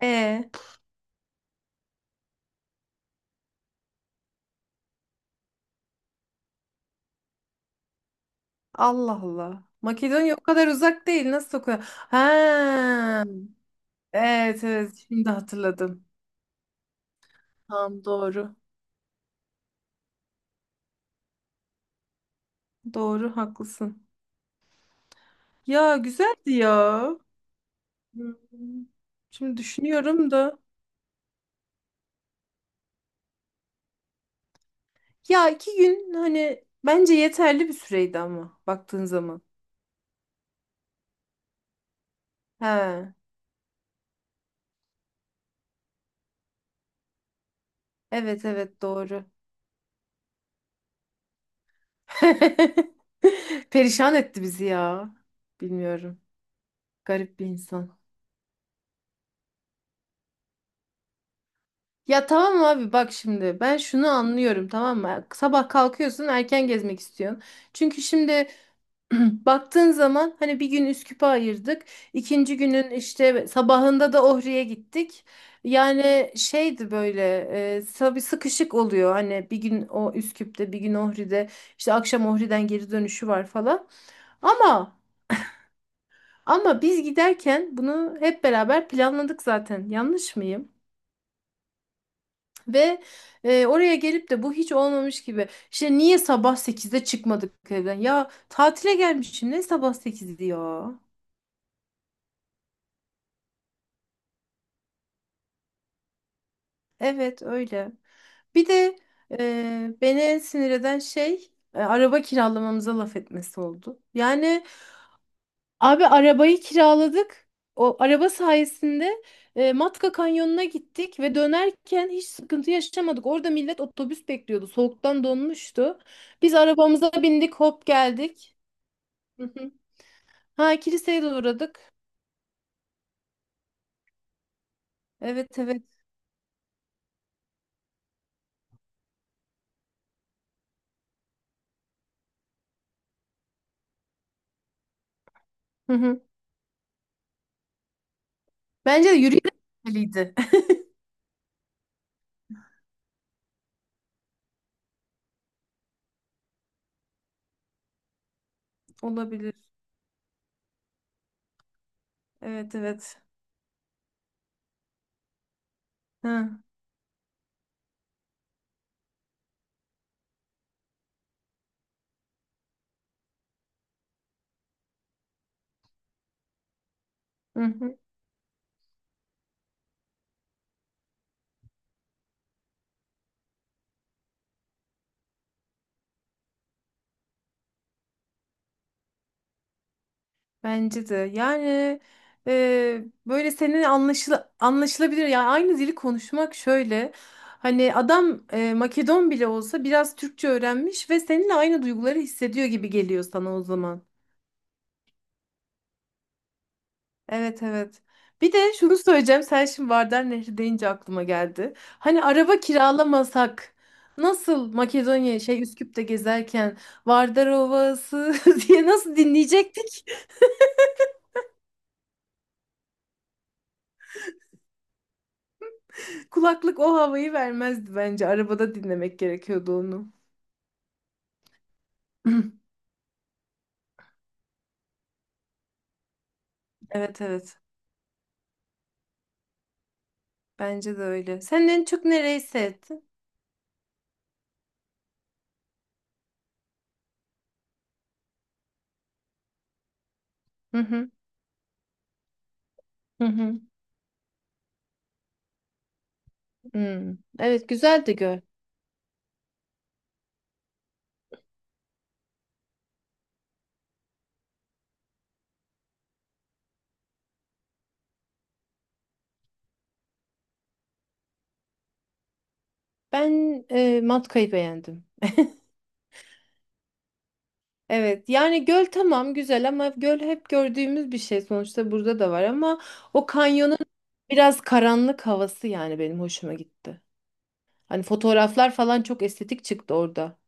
E Allah Allah. Makedonya o kadar uzak değil. Nasıl okuyor? Ha. Evet evet şimdi hatırladım. Tamam doğru. Doğru haklısın. Ya güzeldi ya. Hmm. Şimdi düşünüyorum da. Ya 2 gün hani bence yeterli bir süreydi ama baktığın zaman. Ha. Evet evet doğru. Perişan etti bizi ya. Bilmiyorum. Garip bir insan. Ya tamam abi bak şimdi ben şunu anlıyorum tamam mı? Sabah kalkıyorsun erken gezmek istiyorsun. Çünkü şimdi baktığın zaman hani bir gün Üsküp'e ayırdık. İkinci günün işte sabahında da Ohri'ye gittik. Yani şeydi böyle tabii sıkışık oluyor. Hani bir gün o Üsküp'te bir gün Ohri'de işte akşam Ohri'den geri dönüşü var falan. Ama biz giderken bunu hep beraber planladık zaten yanlış mıyım? Ve oraya gelip de bu hiç olmamış gibi. İşte niye sabah 8'de çıkmadık evden? Ya tatile gelmişim ne sabah 8'di ya. Evet öyle. Bir de beni en sinir eden şey araba kiralamamıza laf etmesi oldu. Yani abi arabayı kiraladık. O araba sayesinde Matka Kanyonu'na gittik ve dönerken hiç sıkıntı yaşamadık. Orada millet otobüs bekliyordu. Soğuktan donmuştu. Biz arabamıza bindik, hop geldik. Ha kiliseye de uğradık. Evet evet. Hı hı. Bence de yürüyerek gitmeliydi. Olabilir. Evet evet. Ha. Hı hı. Bence de. Yani böyle senin anlaşılabilir. Yani aynı dili konuşmak şöyle. Hani adam Makedon bile olsa biraz Türkçe öğrenmiş ve seninle aynı duyguları hissediyor gibi geliyor sana o zaman. Evet evet. Bir de şunu söyleyeceğim. Sen şimdi Vardar Nehri deyince aklıma geldi. Hani araba kiralamasak nasıl Makedonya şey Üsküp'te gezerken Vardar Ovası diye nasıl dinleyecektik? Kulaklık o havayı vermezdi bence. Arabada dinlemek gerekiyordu onu. Evet evet. Bence de öyle. Sen en çok nereyi sevdin? Hı hı. Hı hı. Hmm. Evet güzel de göl. Ben Matka'yı beğendim. Evet yani göl tamam güzel ama göl hep gördüğümüz bir şey sonuçta burada da var ama o kanyonun biraz karanlık havası yani benim hoşuma gitti. Hani fotoğraflar falan çok estetik çıktı orada.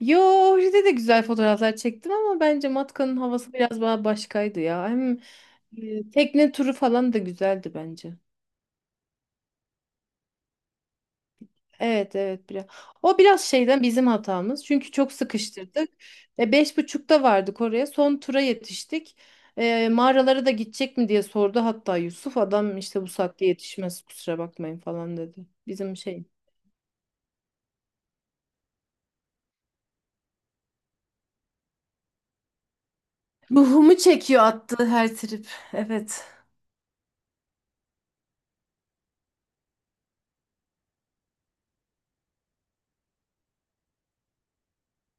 Yo orada de güzel fotoğraflar çektim ama bence Matka'nın havası biraz daha başkaydı ya. Hem tekne turu falan da güzeldi bence. Evet evet biraz. O biraz şeyden bizim hatamız. Çünkü çok sıkıştırdık. 5.30'da vardık oraya. Son tura yetiştik. Mağaralara da gidecek mi diye sordu hatta Yusuf. Adam işte bu saatte yetişmez kusura bakmayın falan dedi. Bizim şey. Ruhumu çekiyor attı her trip. Evet.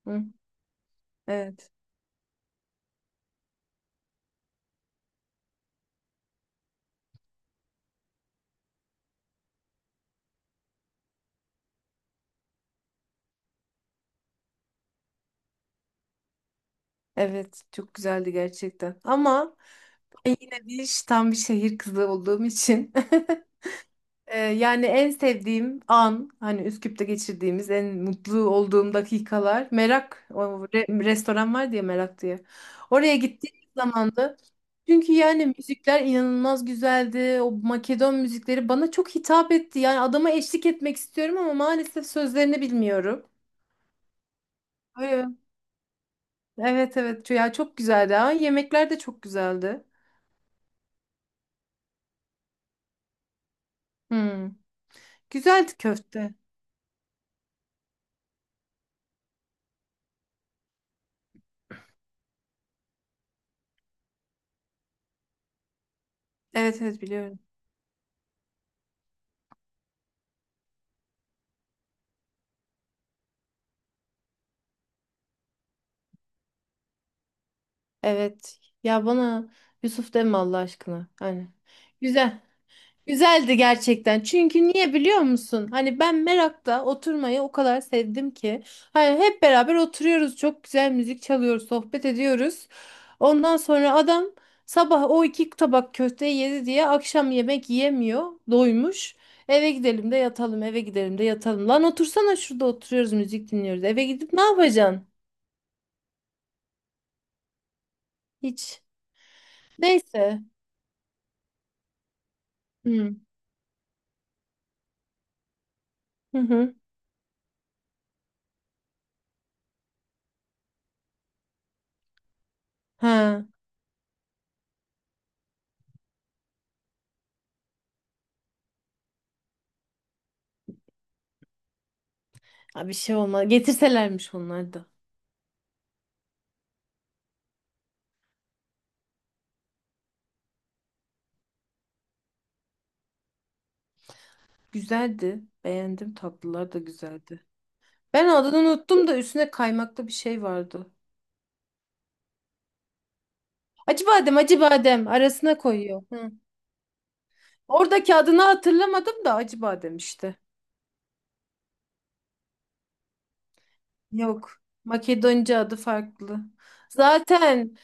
Hı. Evet. Evet. Çok güzeldi gerçekten. Ama ben yine bir tam bir şehir kızı olduğum için Yani en sevdiğim an hani Üsküp'te geçirdiğimiz en mutlu olduğum dakikalar Merak o restoran var diye Merak diye. Oraya gittiğim zamanda çünkü yani müzikler inanılmaz güzeldi. O Makedon müzikleri bana çok hitap etti. Yani adama eşlik etmek istiyorum ama maalesef sözlerini bilmiyorum. Öyle. Evet evet ya çok güzeldi. Ha, yemekler de çok güzeldi. Hmm. Güzeldi köfte. Evet evet biliyorum. Evet. Ya bana Yusuf deme Allah aşkına. Hani güzel. Güzeldi gerçekten. Çünkü niye biliyor musun? Hani ben merakta oturmayı o kadar sevdim ki. Hani hep beraber oturuyoruz. Çok güzel müzik çalıyoruz, sohbet ediyoruz. Ondan sonra adam sabah o 2 tabak köfteyi yedi diye akşam yemek yiyemiyor. Doymuş. Eve gidelim de yatalım, eve gidelim de yatalım. Lan otursana şurada oturuyoruz, müzik dinliyoruz. Eve gidip ne yapacaksın? Hiç. Neyse. Hı. Hı hı. Ha, ha, bir şey olmaz. Getirselermiş onlar da. Güzeldi. Beğendim. Tatlılar da güzeldi. Ben adını unuttum da üstüne kaymaklı bir şey vardı. Acı badem, acı badem arasına koyuyor. Hı. Oradaki adını hatırlamadım da acı badem işte. Yok. Makedonca adı farklı. Zaten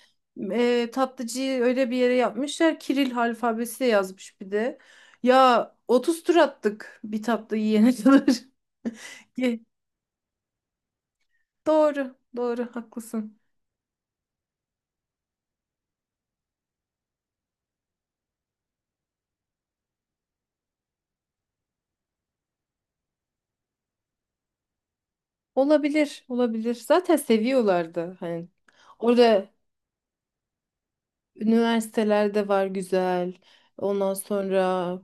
tatlıcıyı öyle bir yere yapmışlar. Kiril alfabesi yazmış bir de. Ya 30 tur attık bir tatlı yiyene kadar. Doğru, doğru, haklısın. Olabilir, olabilir. Zaten seviyorlardı. Hani orada üniversitelerde var güzel. Ondan sonra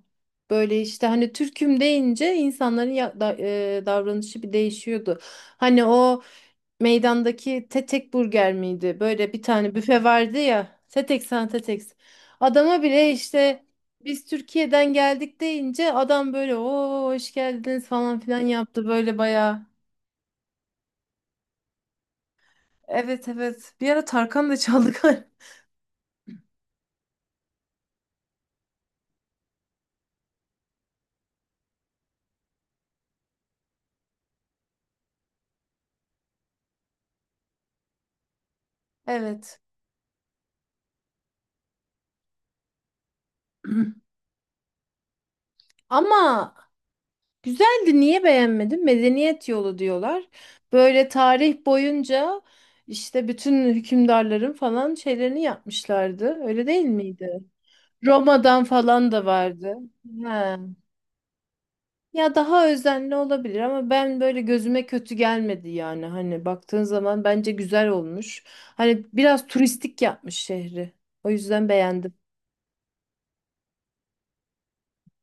böyle işte hani Türk'üm deyince insanların davranışı bir değişiyordu. Hani o meydandaki Tetek Burger miydi? Böyle bir tane büfe vardı ya. Tetek sen Tetek. Adama bile işte biz Türkiye'den geldik deyince adam böyle o hoş geldiniz falan filan yaptı böyle bayağı. Evet evet. Bir ara Tarkan da çaldı galiba. Evet. Ama güzeldi. Niye beğenmedin? Medeniyet yolu diyorlar. Böyle tarih boyunca işte bütün hükümdarların falan şeylerini yapmışlardı. Öyle değil miydi? Roma'dan falan da vardı. He. Ya daha özenli olabilir ama ben böyle gözüme kötü gelmedi yani. Hani baktığın zaman bence güzel olmuş. Hani biraz turistik yapmış şehri. O yüzden beğendim.